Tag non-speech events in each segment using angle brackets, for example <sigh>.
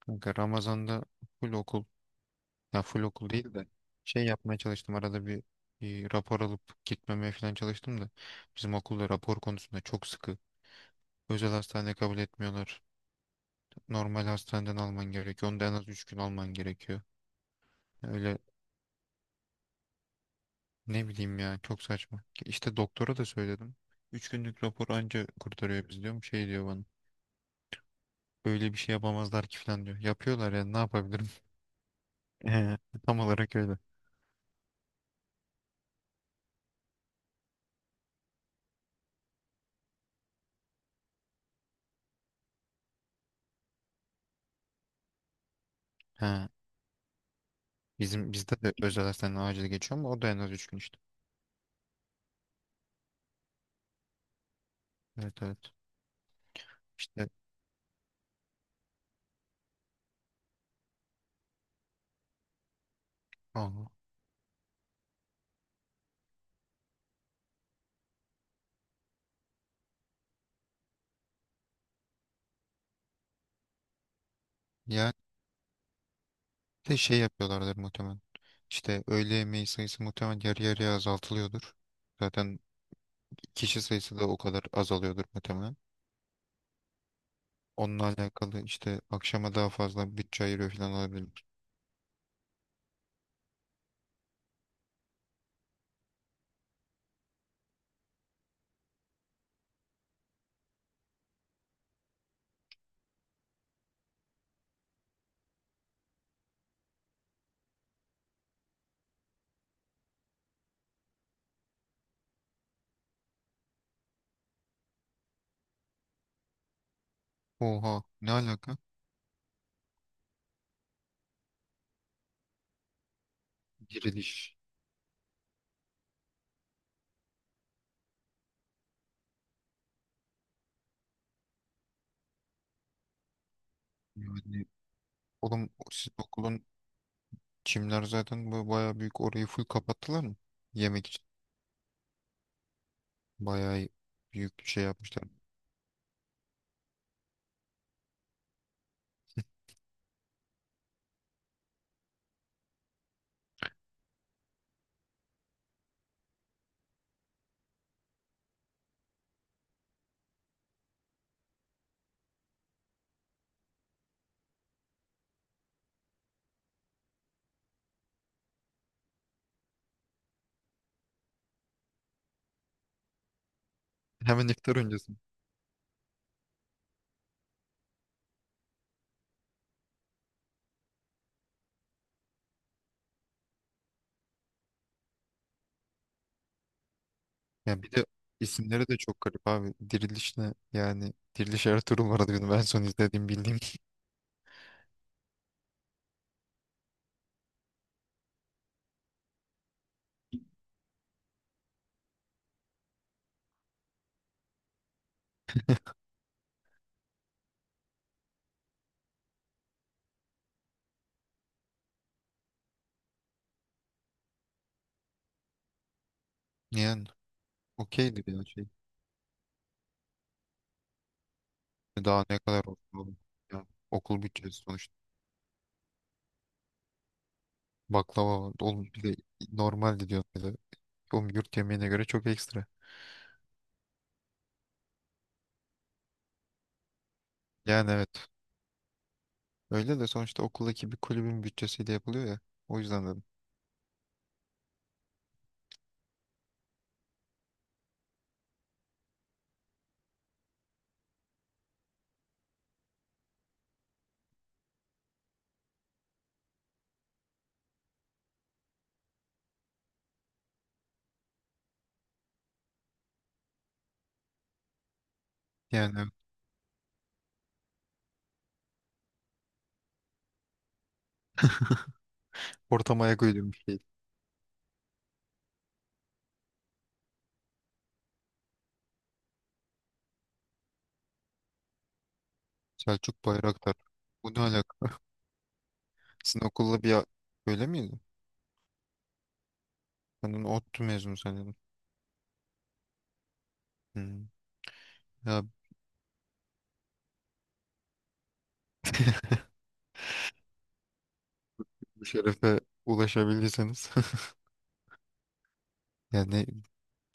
Kanka, Ramazan'da full okul, ya full okul değil de şey yapmaya çalıştım arada bir, bir rapor alıp gitmemeye falan çalıştım da bizim okulda rapor konusunda çok sıkı. Özel hastane kabul etmiyorlar. Normal hastaneden alman gerekiyor. Onu da en az 3 gün alman gerekiyor. Öyle, ne bileyim ya, çok saçma. İşte doktora da söyledim. 3 günlük rapor anca kurtarıyor biz diyorum. Şey diyor bana. Öyle bir şey yapamazlar ki falan diyor. Yapıyorlar, ya ne yapabilirim? <laughs> He, tam olarak öyle. He. Bizim bizde de özel hastaneden acil geçiyor ama o da en az 3 gün işte. Evet, evet. İşte. Aha. Yani, bir de şey yapıyorlardır muhtemelen. İşte öğle yemeği sayısı muhtemelen yarı yarıya azaltılıyordur. Zaten kişi sayısı da o kadar azalıyordur muhtemelen. Onunla alakalı işte akşama daha fazla bütçe ayırıyor falan olabilir. Oha, ne alaka? Diriliş. Yani oğlum, siz okulun çimler, zaten bu bayağı büyük, orayı full kapattılar mı? Yemek için. Bayağı büyük şey yapmışlar. Hemen iftar öncesi. Ya bir de isimleri de çok garip abi. Diriliş ne? Yani Diriliş Ertuğrul vardı benim en son izlediğim bildiğim. <laughs> Yani okeydi bir şey. Daha ne kadar olsun oğlum. Ya, okul bütçesi sonuçta. Baklava vardı. Oğlum, bir de normaldi diyor. Böyle. Oğlum, yurt yemeğine göre çok ekstra. Yani, evet. Öyle de sonuçta okuldaki bir kulübün bütçesiyle yapılıyor ya. O yüzden dedim. Yani, evet. Ortama ayak uydurmuş bir şey. Selçuk Bayraktar. Bu ne alaka? <laughs> Sizin okulla öyle miydi? Ben onu ODTÜ mezunu sanıyordum. Hmm. Ya, bu şerefe ulaşabilirseniz. <laughs> Yani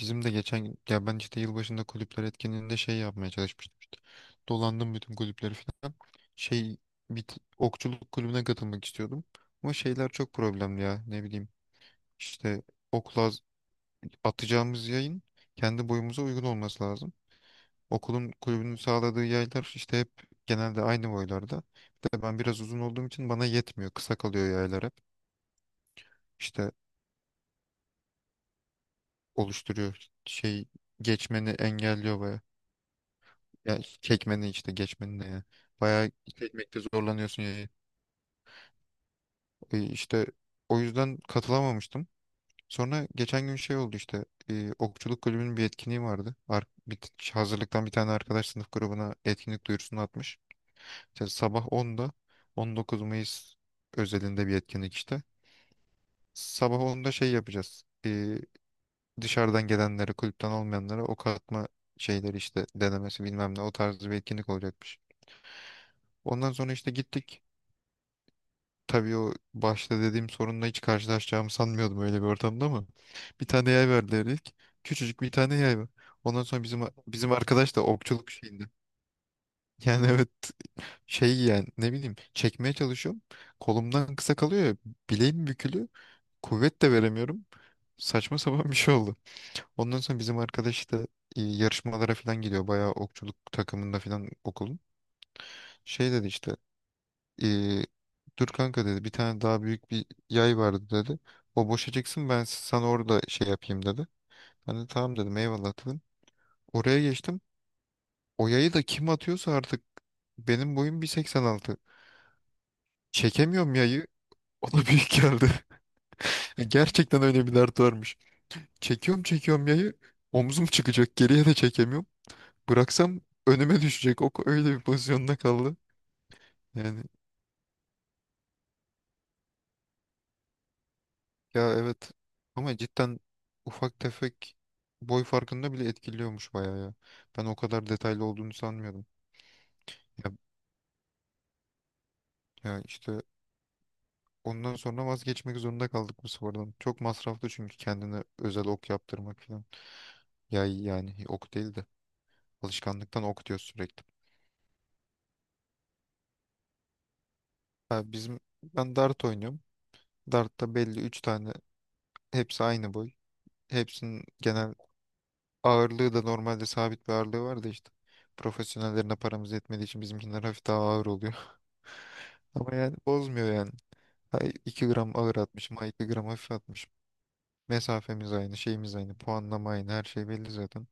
bizim de geçen, ya ben işte yılbaşında kulüpler etkinliğinde şey yapmaya çalışmıştım işte. Dolandım bütün kulüpleri falan. Şey, bir okçuluk kulübüne katılmak istiyordum. Ama şeyler çok problemli, ya ne bileyim. İşte okla atacağımız yayın kendi boyumuza uygun olması lazım. Okulun kulübünün sağladığı yaylar işte hep genelde aynı boylarda. Bir de ben biraz uzun olduğum için bana yetmiyor. Kısa kalıyor yaylar hep. İşte oluşturuyor. Şey, geçmeni engelliyor baya. Yani çekmeni işte geçmeni, ne ya. Baya çekmekte zorlanıyorsun yayı. İşte o yüzden katılamamıştım. Sonra geçen gün şey oldu işte, okçuluk kulübünün bir etkinliği vardı. Hazırlıktan bir tane arkadaş sınıf grubuna etkinlik duyurusunu atmış. İşte sabah 10'da 19 Mayıs özelinde bir etkinlik işte. Sabah onda şey yapacağız. Dışarıdan gelenlere, kulüpten olmayanlara ok atma şeyleri işte denemesi bilmem ne, o tarz bir etkinlik olacakmış. Ondan sonra işte gittik. Tabii o başta dediğim sorunla hiç karşılaşacağımı sanmıyordum öyle bir ortamda, ama bir tane yay verdiler ilk. Küçücük bir tane yay var. Ondan sonra bizim arkadaş da okçuluk şeyinde. <laughs> Yani, evet, şey yani ne bileyim, çekmeye çalışıyorum. Kolumdan kısa kalıyor ya, bileğim bükülü. Kuvvet de veremiyorum. Saçma sapan bir şey oldu. Ondan sonra bizim arkadaş da yarışmalara falan gidiyor. Bayağı okçuluk takımında falan okulun. Şey dedi işte, e, dur kanka dedi, bir tane daha büyük bir yay vardı dedi. O boşa çıksın, ben sana orada şey yapayım dedi. Ben de tamam dedim, eyvallah dedim. Oraya geçtim. O yayı da kim atıyorsa artık, benim boyum 1,86. Çekemiyorum yayı. O da büyük geldi. <laughs> Gerçekten öyle bir dert varmış. Çekiyorum çekiyorum yayı. Omzum çıkacak. Geriye de çekemiyorum. Bıraksam önüme düşecek. O öyle bir pozisyonda kaldı. Yani, ya evet, ama cidden ufak tefek boy farkında bile etkiliyormuş bayağı ya. Ben o kadar detaylı olduğunu sanmıyordum. Ya, ya işte ondan sonra vazgeçmek zorunda kaldık bu spordan. Çok masraflı çünkü kendine özel ok yaptırmak falan. Yay, yani ok değil de, alışkanlıktan ok diyor sürekli. Ha, bizim ben dart oynuyorum. Dart'ta belli 3 tane, hepsi aynı boy. Hepsinin genel ağırlığı da normalde sabit bir ağırlığı var da işte. Profesyonellerine paramız yetmediği için bizimkiler hafif daha ağır oluyor. <laughs> Ama yani bozmuyor yani. Ha, 2 gram ağır atmışım, ha 2 gram hafif atmışım. Mesafemiz aynı, şeyimiz aynı, puanlama aynı, her şey belli zaten.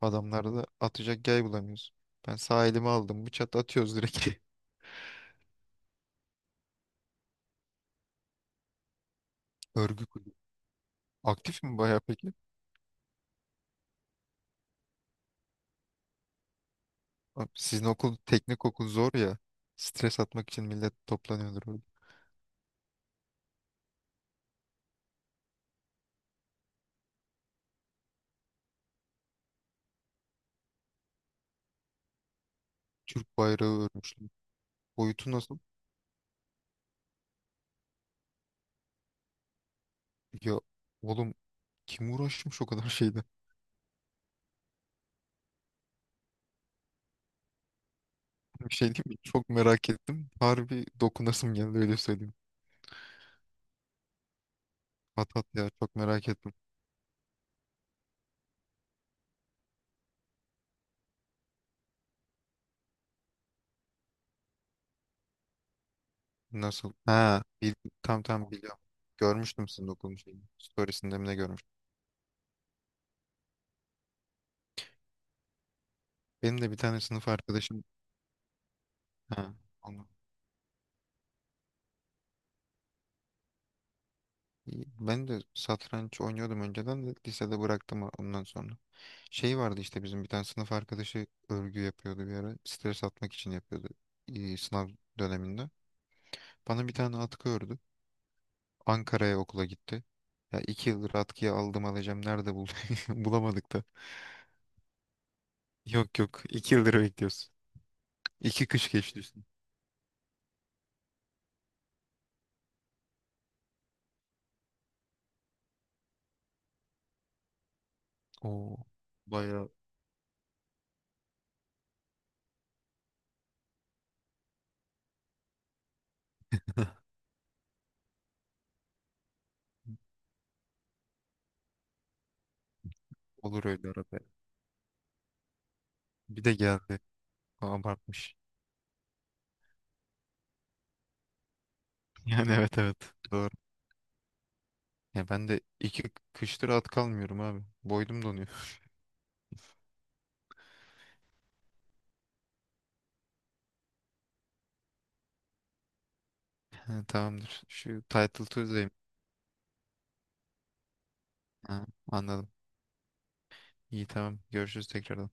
Adamlarda da atacak yay bulamıyoruz. Ben sağ elimi aldım, bıçak atıyoruz direkt. <laughs> Örgü kulübü. Aktif mi bayağı peki? Abi, sizin okul, teknik okul zor ya. Stres atmak için millet toplanıyordur orada. Türk bayrağı örmüşler. Boyutu nasıl? Ya oğlum, kim uğraşmış o kadar şeyden? Bir şey diyeyim mi? Çok merak ettim. Harbi dokunasım geldi, öyle söyleyeyim. Patat ya, çok merak ettim. Nasıl? Ha, tam tam biliyorum. Görmüştüm sizin okulun şeyini. Storiesinde mi ne görmüştüm. Benim de bir tane sınıf arkadaşım. Ha, onu. Ben de satranç oynuyordum önceden de lisede bıraktım ondan sonra. Şey vardı işte bizim bir tane sınıf arkadaşı örgü yapıyordu bir ara. Stres atmak için yapıyordu, sınav döneminde. Bana bir tane atkı ördü. Ankara'ya okula gitti. Ya 2 yıldır atkıya, aldım alacağım. Nerede bulduk? <laughs> Bulamadık da. Yok, yok. 2 yıldır bekliyorsun. 2 kış geçti üstüne. Oo. Bayağı. <laughs> Olur öyle arada. Bir de geldi. Abartmış. <laughs> Yani, evet, evet. Doğru. Ya ben de 2 kıştır atkı almıyorum abi. Boydum donuyor. <laughs> Ha, tamamdır. Şu title Tuesday'im. Ha, anladım. İyi, tamam. Görüşürüz tekrardan.